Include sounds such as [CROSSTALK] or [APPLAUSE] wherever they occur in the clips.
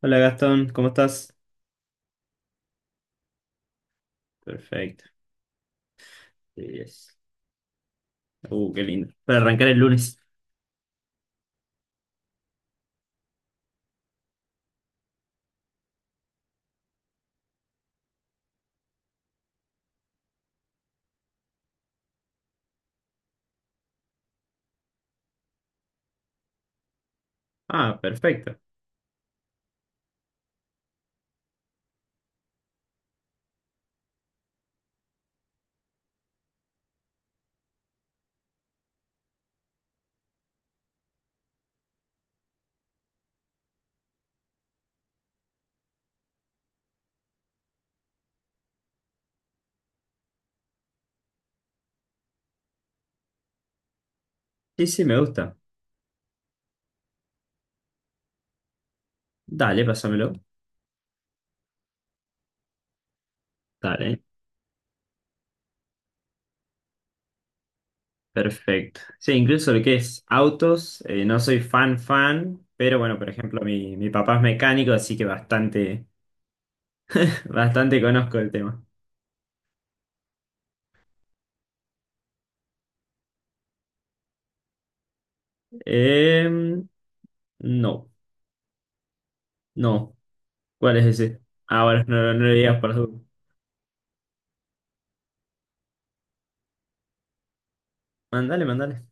Hola Gastón, ¿cómo estás? Perfecto. Yes. Qué lindo. Para arrancar el lunes. Ah, perfecto. Sí, sí, me gusta. Dale, pásamelo. Dale, perfecto. Sí, incluso lo que es autos, no soy fan fan, pero bueno, por ejemplo, mi papá es mecánico, así que bastante, [LAUGHS] bastante conozco el tema. Em, no, no. ¿Cuál es ese? Ah, bueno, no, no lo digas por su. Mandale, mandale.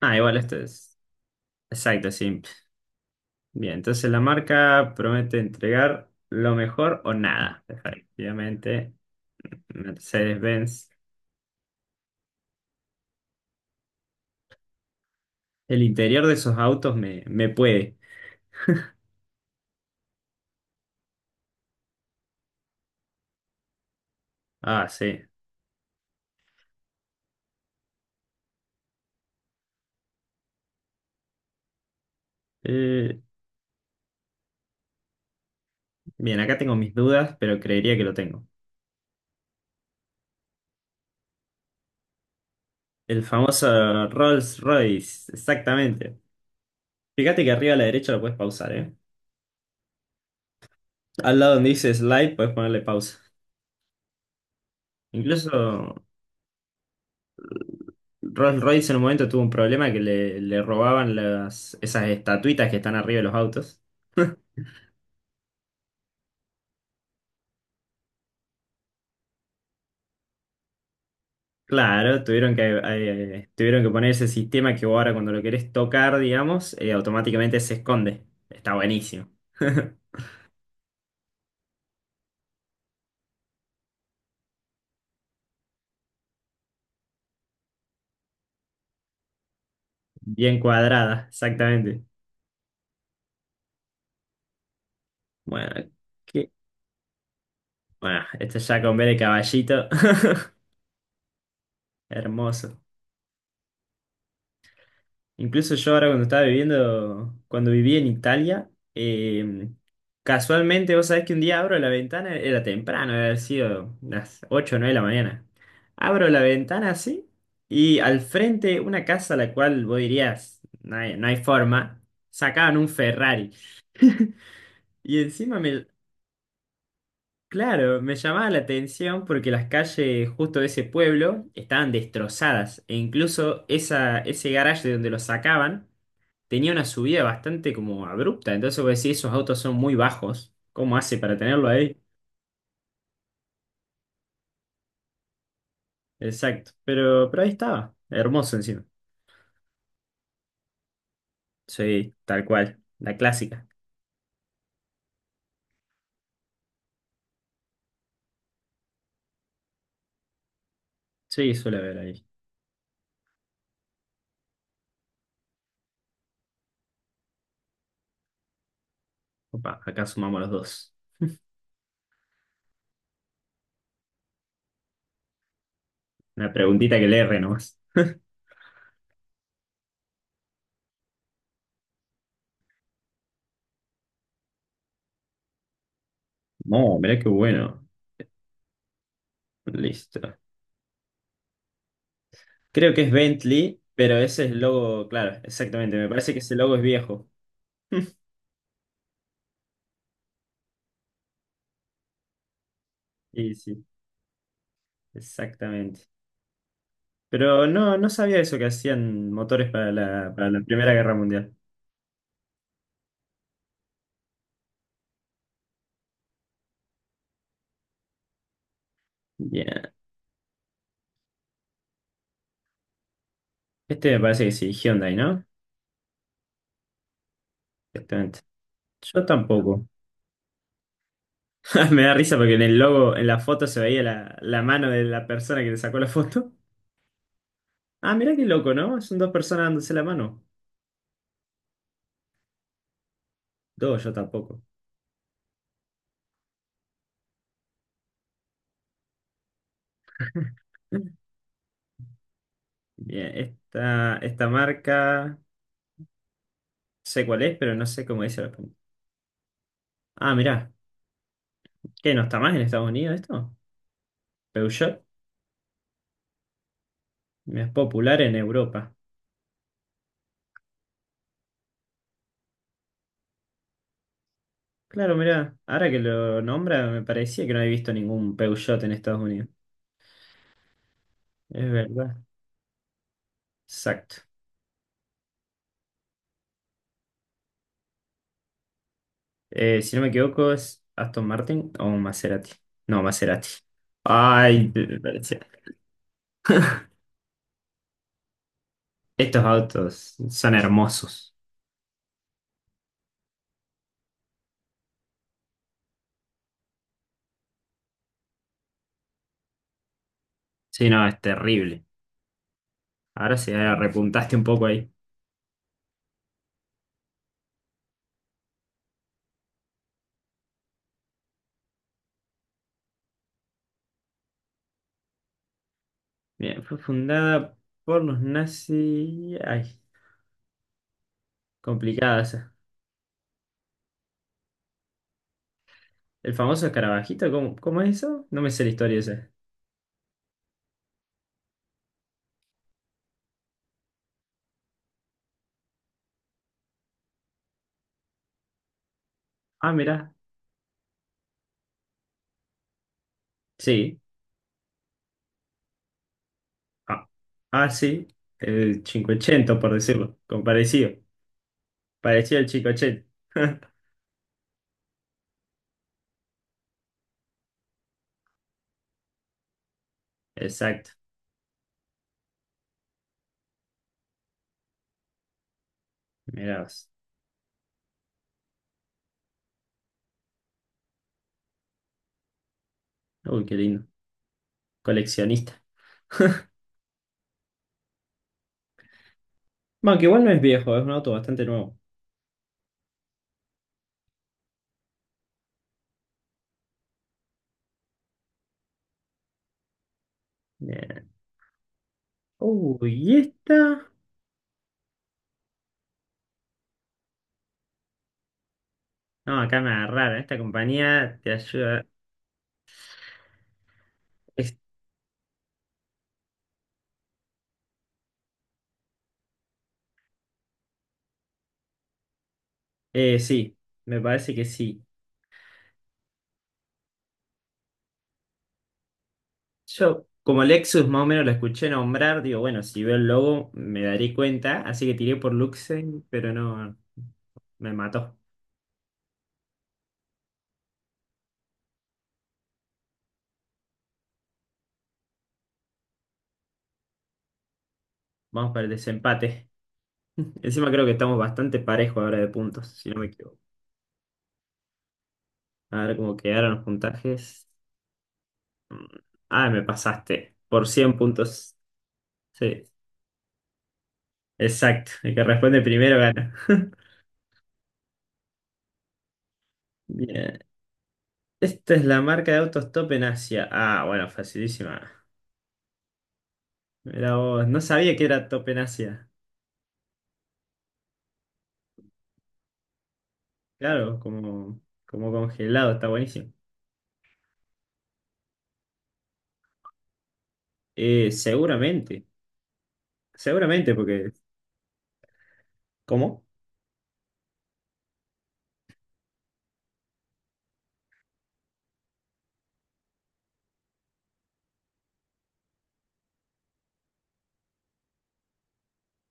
Ah, igual este es. Exacto, sí. Bien, entonces la marca promete entregar lo mejor o nada. Efectivamente, Mercedes-Benz. El interior de esos autos me puede. Ah, sí. Eh, Bien, acá tengo mis dudas, pero creería que lo tengo. El famoso Rolls-Royce, exactamente. Fíjate que arriba a la derecha lo puedes pausar, ¿eh? Al lado donde dice slide, puedes ponerle pausa. Incluso Rolls-Royce en un momento tuvo un problema que le robaban las, esas estatuitas que están arriba de los autos. Claro, tuvieron que poner ese sistema que vos ahora cuando lo querés tocar, digamos, automáticamente se esconde. Está buenísimo. [LAUGHS] Bien cuadrada, exactamente. Bueno, ¿qué? Bueno, este ya con B de caballito. [LAUGHS] Hermoso. Incluso yo ahora cuando estaba viviendo, cuando viví en Italia, casualmente vos sabés que un día abro la ventana, era temprano, debe haber sido las 8 o 9 de la mañana. Abro la ventana así y al frente una casa a la cual vos dirías, no hay forma, sacaban un Ferrari. Y encima me, claro, me llamaba la atención porque las calles justo de ese pueblo estaban destrozadas e incluso ese garaje de donde lo sacaban tenía una subida bastante como abrupta. Entonces vos decís, esos autos son muy bajos. ¿Cómo hace para tenerlo ahí? Exacto. Pero ahí estaba. Hermoso encima. Sí, tal cual. La clásica. Sí, suele haber ahí. Opa, acá sumamos los dos. Una preguntita que le erre nomás. No, mirá qué bueno. Listo. Creo que es Bentley, pero ese es el logo, claro, exactamente. Me parece que ese logo es viejo. [LAUGHS] Sí, sí, exactamente. Pero no, no sabía eso que hacían motores para la Primera Guerra Mundial. Bien. Este me parece que sí, Hyundai, ¿no? Exactamente. Yo tampoco. [LAUGHS] Me da risa porque en el logo, en la foto se veía la mano de la persona que le sacó la foto. Ah, mirá qué loco, ¿no? Son dos personas dándose la mano. Dos, yo tampoco. [LAUGHS] Bien, esta marca, sé cuál es, pero no sé cómo dice la punta. Ah, mirá, ¿qué no está más en Estados Unidos esto? Peugeot es popular en Europa. Claro, mirá, ahora que lo nombra, me parecía que no había visto ningún Peugeot en Estados Unidos. Es verdad. Exacto. Si no me equivoco, ¿es Aston Martin o un Maserati? No, Maserati. Ay, estos autos son hermosos. Sí, no, es terrible. Ahora sí, ahora repuntaste un poco ahí. Bien, fue fundada por los nazis. Ay, complicada esa. El famoso escarabajito, ¿cómo es eso? No me sé la historia esa. Ah, mirá. Sí. Ah, ah, sí. El 580, por decirlo. Con parecido. Parecido al 580. [LAUGHS] Exacto. Mirá vos. Uy, qué lindo. Coleccionista. Bueno, que igual no es viejo, es un auto bastante nuevo. Eh, Uy, ¿y esta? No, acá me agarraron. Esta compañía te ayuda. Es- sí, me parece que sí. Yo, como Lexus más o menos lo escuché nombrar, digo, bueno, si veo el logo me daré cuenta. Así que tiré por Luxen, pero no, me mató. Vamos para el desempate. [LAUGHS] Encima creo que estamos bastante parejos ahora de puntos, si no me equivoco. A ver cómo quedaron los puntajes. Mm, Ah, me pasaste por 100 puntos. Sí, exacto. El que responde primero gana. [LAUGHS] Bien. Esta es la marca de autos Top en Asia. Ah, bueno, facilísima. Mirá vos. No sabía que era Top en Asia. Claro, como congelado, está buenísimo. Seguramente. Seguramente, porque. ¿Cómo?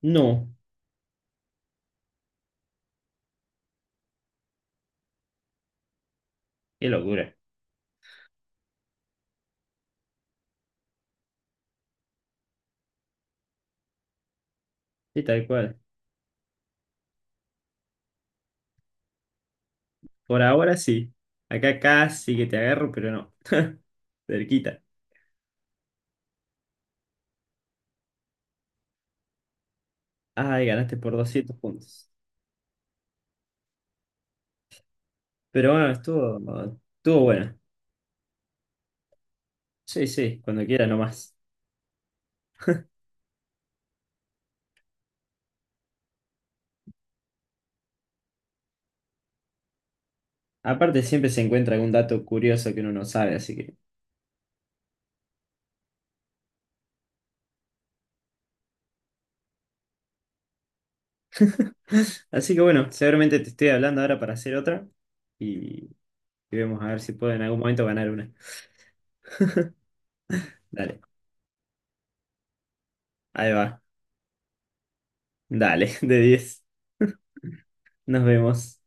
No. Qué locura. Sí, tal cual. Por ahora sí. Acá casi que te agarro, pero no. Cerquita. Ay, ganaste por 200 puntos. Pero bueno, estuvo bueno. Sí, sí, cuando quieras nomás. Aparte, siempre se encuentra algún dato curioso que uno no sabe, así que. [LAUGHS] Así que bueno, seguramente te estoy hablando ahora para hacer otra y, y vemos a ver si puedo en algún momento ganar una. Dale, ahí va. Dale, [LAUGHS] de 10. Nos vemos.